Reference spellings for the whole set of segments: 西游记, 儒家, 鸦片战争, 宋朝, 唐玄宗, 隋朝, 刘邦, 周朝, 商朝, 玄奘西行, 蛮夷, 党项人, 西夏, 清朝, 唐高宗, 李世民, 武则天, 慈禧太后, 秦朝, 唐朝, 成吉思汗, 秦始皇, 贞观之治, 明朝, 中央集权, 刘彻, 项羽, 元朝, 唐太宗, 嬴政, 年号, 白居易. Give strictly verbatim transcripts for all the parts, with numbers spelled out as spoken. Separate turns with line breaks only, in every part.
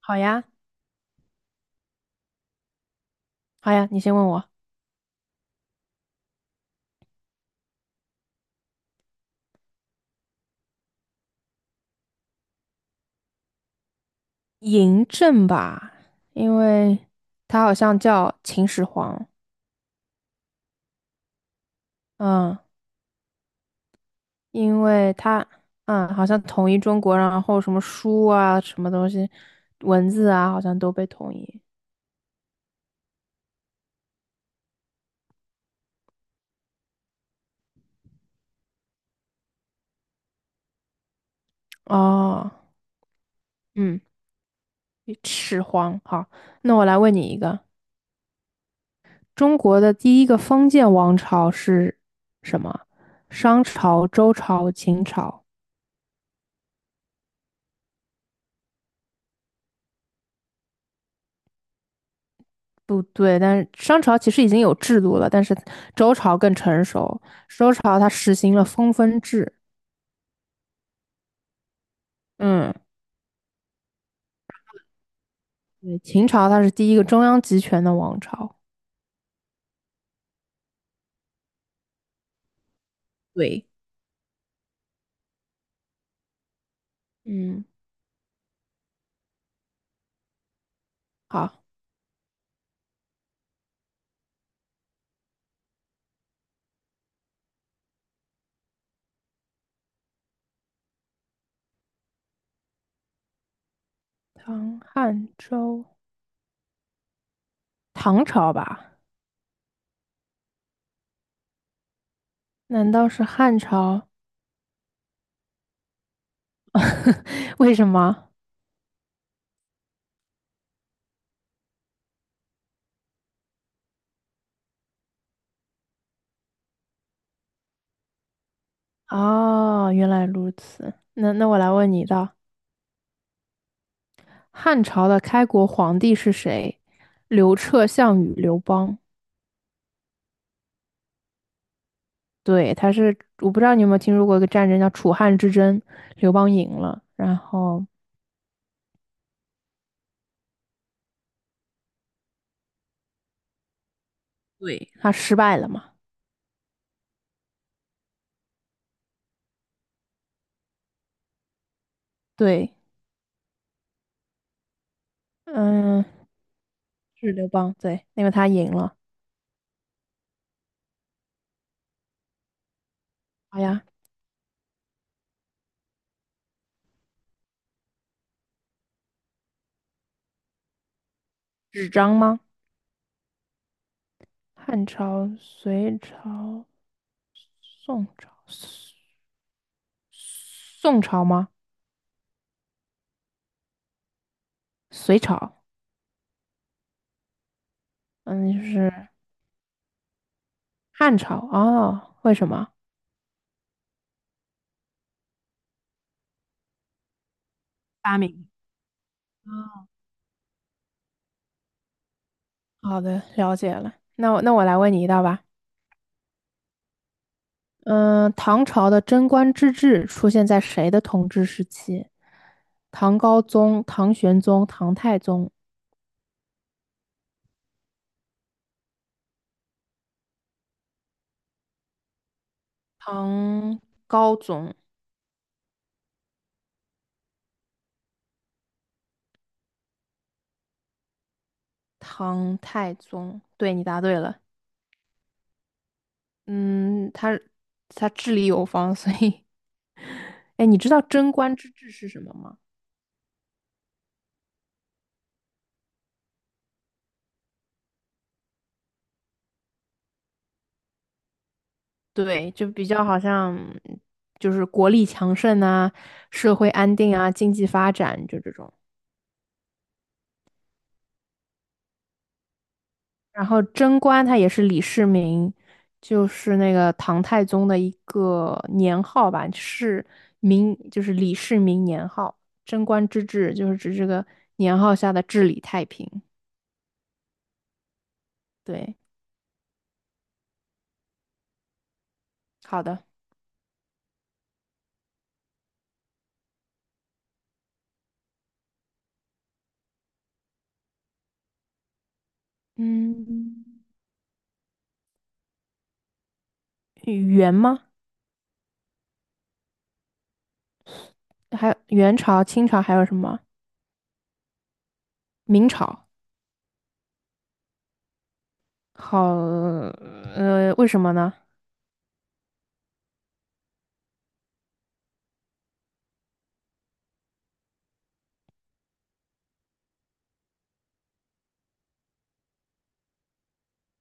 好呀，好呀，你先问我嬴政吧，因为他好像叫秦始皇，嗯，因为他，嗯，好像统一中国，然后什么书啊，什么东西，文字啊，好像都被统一。哦，嗯，始皇。好，那我来问你一个，中国的第一个封建王朝是什么？商朝、周朝、秦朝。不对，但是商朝其实已经有制度了，但是周朝更成熟。周朝它实行了分封制，嗯，对，秦朝它是第一个中央集权的王朝。对，嗯，好，唐汉周，唐朝吧？难道是汉朝？为什么？哦，原来如此。那那我来问你一道，汉朝的开国皇帝是谁？刘彻、项羽、刘邦。对，他是我不知道你有没有听说过一个战争叫楚汉之争，刘邦赢了，然后对，他失败了嘛？对，嗯，是刘邦，对，因为他赢了。好呀，纸张吗？汉朝、隋朝、宋朝、宋朝吗？隋朝，嗯，就是汉朝哦。为什么？发明。好的，了解了。那我那我来问你一道吧。嗯、呃唐朝的贞观之治出现在谁的统治时期？唐高宗、唐玄宗、唐太宗、唐高宗、唐太宗。对，你答对了。嗯，他他治理有方，所以 哎，你知道贞观之治是什么吗？对，就比较好像就是国力强盛啊，社会安定啊，经济发展，就这种。然后贞观他也是李世民，就是那个唐太宗的一个年号吧，是明，就是李世民年号。贞观之治就是指这个年号下的治理太平。对，好的，嗯，元吗？还有元朝、清朝还有什么？明朝。好，呃，为什么呢？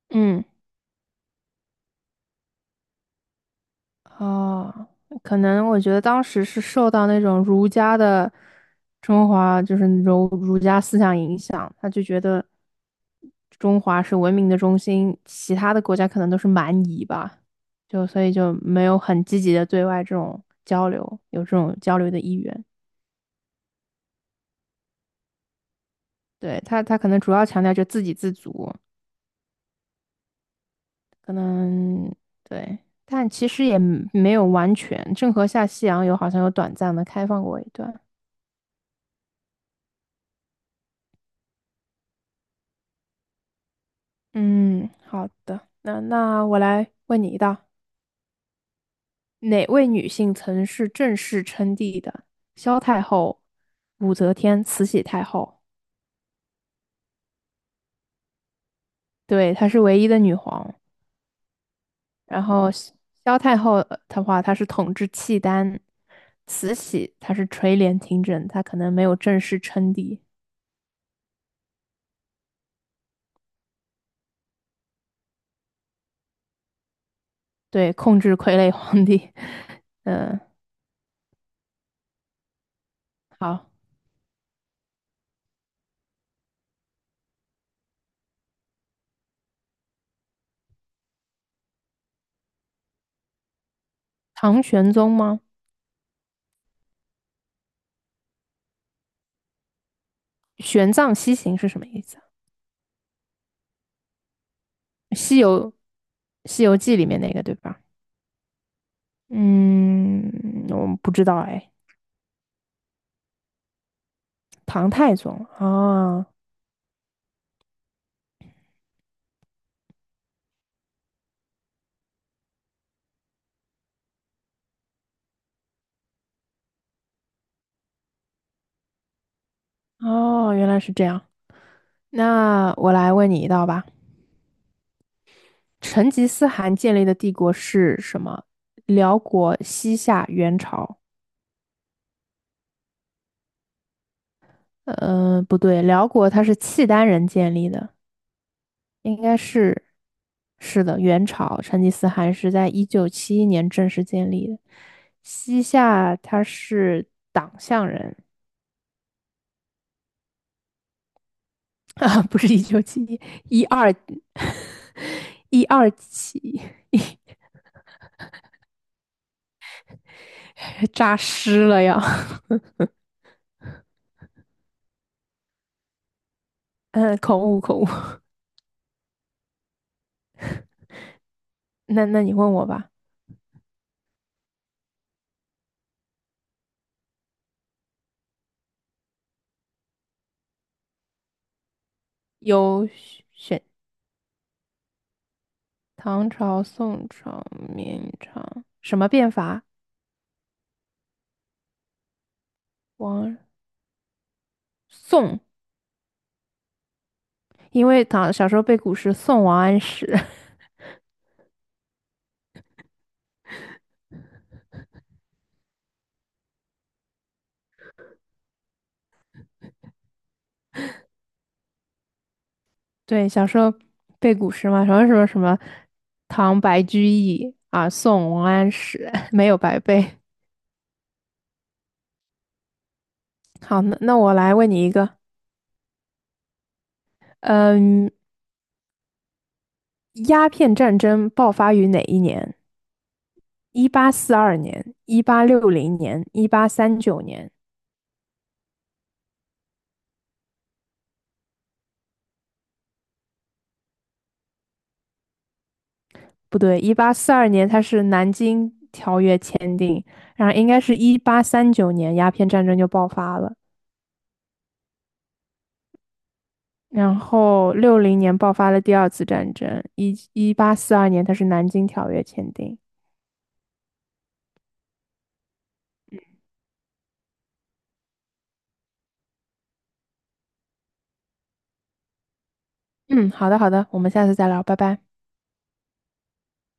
嗯。哦，可能我觉得当时是受到那种儒家的中华，就是儒儒家思想影响，他就觉得中华是文明的中心，其他的国家可能都是蛮夷吧，就所以就没有很积极的对外这种交流，有这种交流的意愿。对，他，他可能主要强调就自给自足，可能对，但其实也没有完全。郑和下西洋有好像有短暂的开放过一段。嗯，好的，那那我来问你一道：哪位女性曾是正式称帝的？萧太后、武则天、慈禧太后。对，她是唯一的女皇。然后萧萧太后呃的话，她是统治契丹；慈禧她是垂帘听政，她可能没有正式称帝，对，控制傀儡皇帝。嗯，好，唐玄宗吗？玄奘西行是什么意思啊西游《西游记》里面那个对吧？嗯，我们不知道哎，唐太宗啊，哦，原来是这样。那我来问你一道吧。成吉思汗建立的帝国是什么？辽国、西夏、元朝？呃，不对，辽国它是契丹人建立的，应该是，是的，元朝。成吉思汗是在一九七一年正式建立的，西夏他是党项人，啊，不是一九七一，一二一二七，扎尸了呀，嗯，口误口误。那那你问我吧，有选唐朝、宋朝、明朝什么变法？王宋，因为唐小时候背古诗《宋王安石》，对，小时候背古诗嘛，什么什么什么唐白居易啊，宋王安石没有白背。好，那那我来问你一个，嗯，鸦片战争爆发于哪一年？一八四二年、一八六零年、一八三九年？不对，一八四二年它是南京条约签订，然后应该是一八三九年鸦片战争就爆发了，然后六零年爆发了第二次战争，一一八四二年它是南京条约签订。嗯，好的好的，我们下次再聊，拜拜。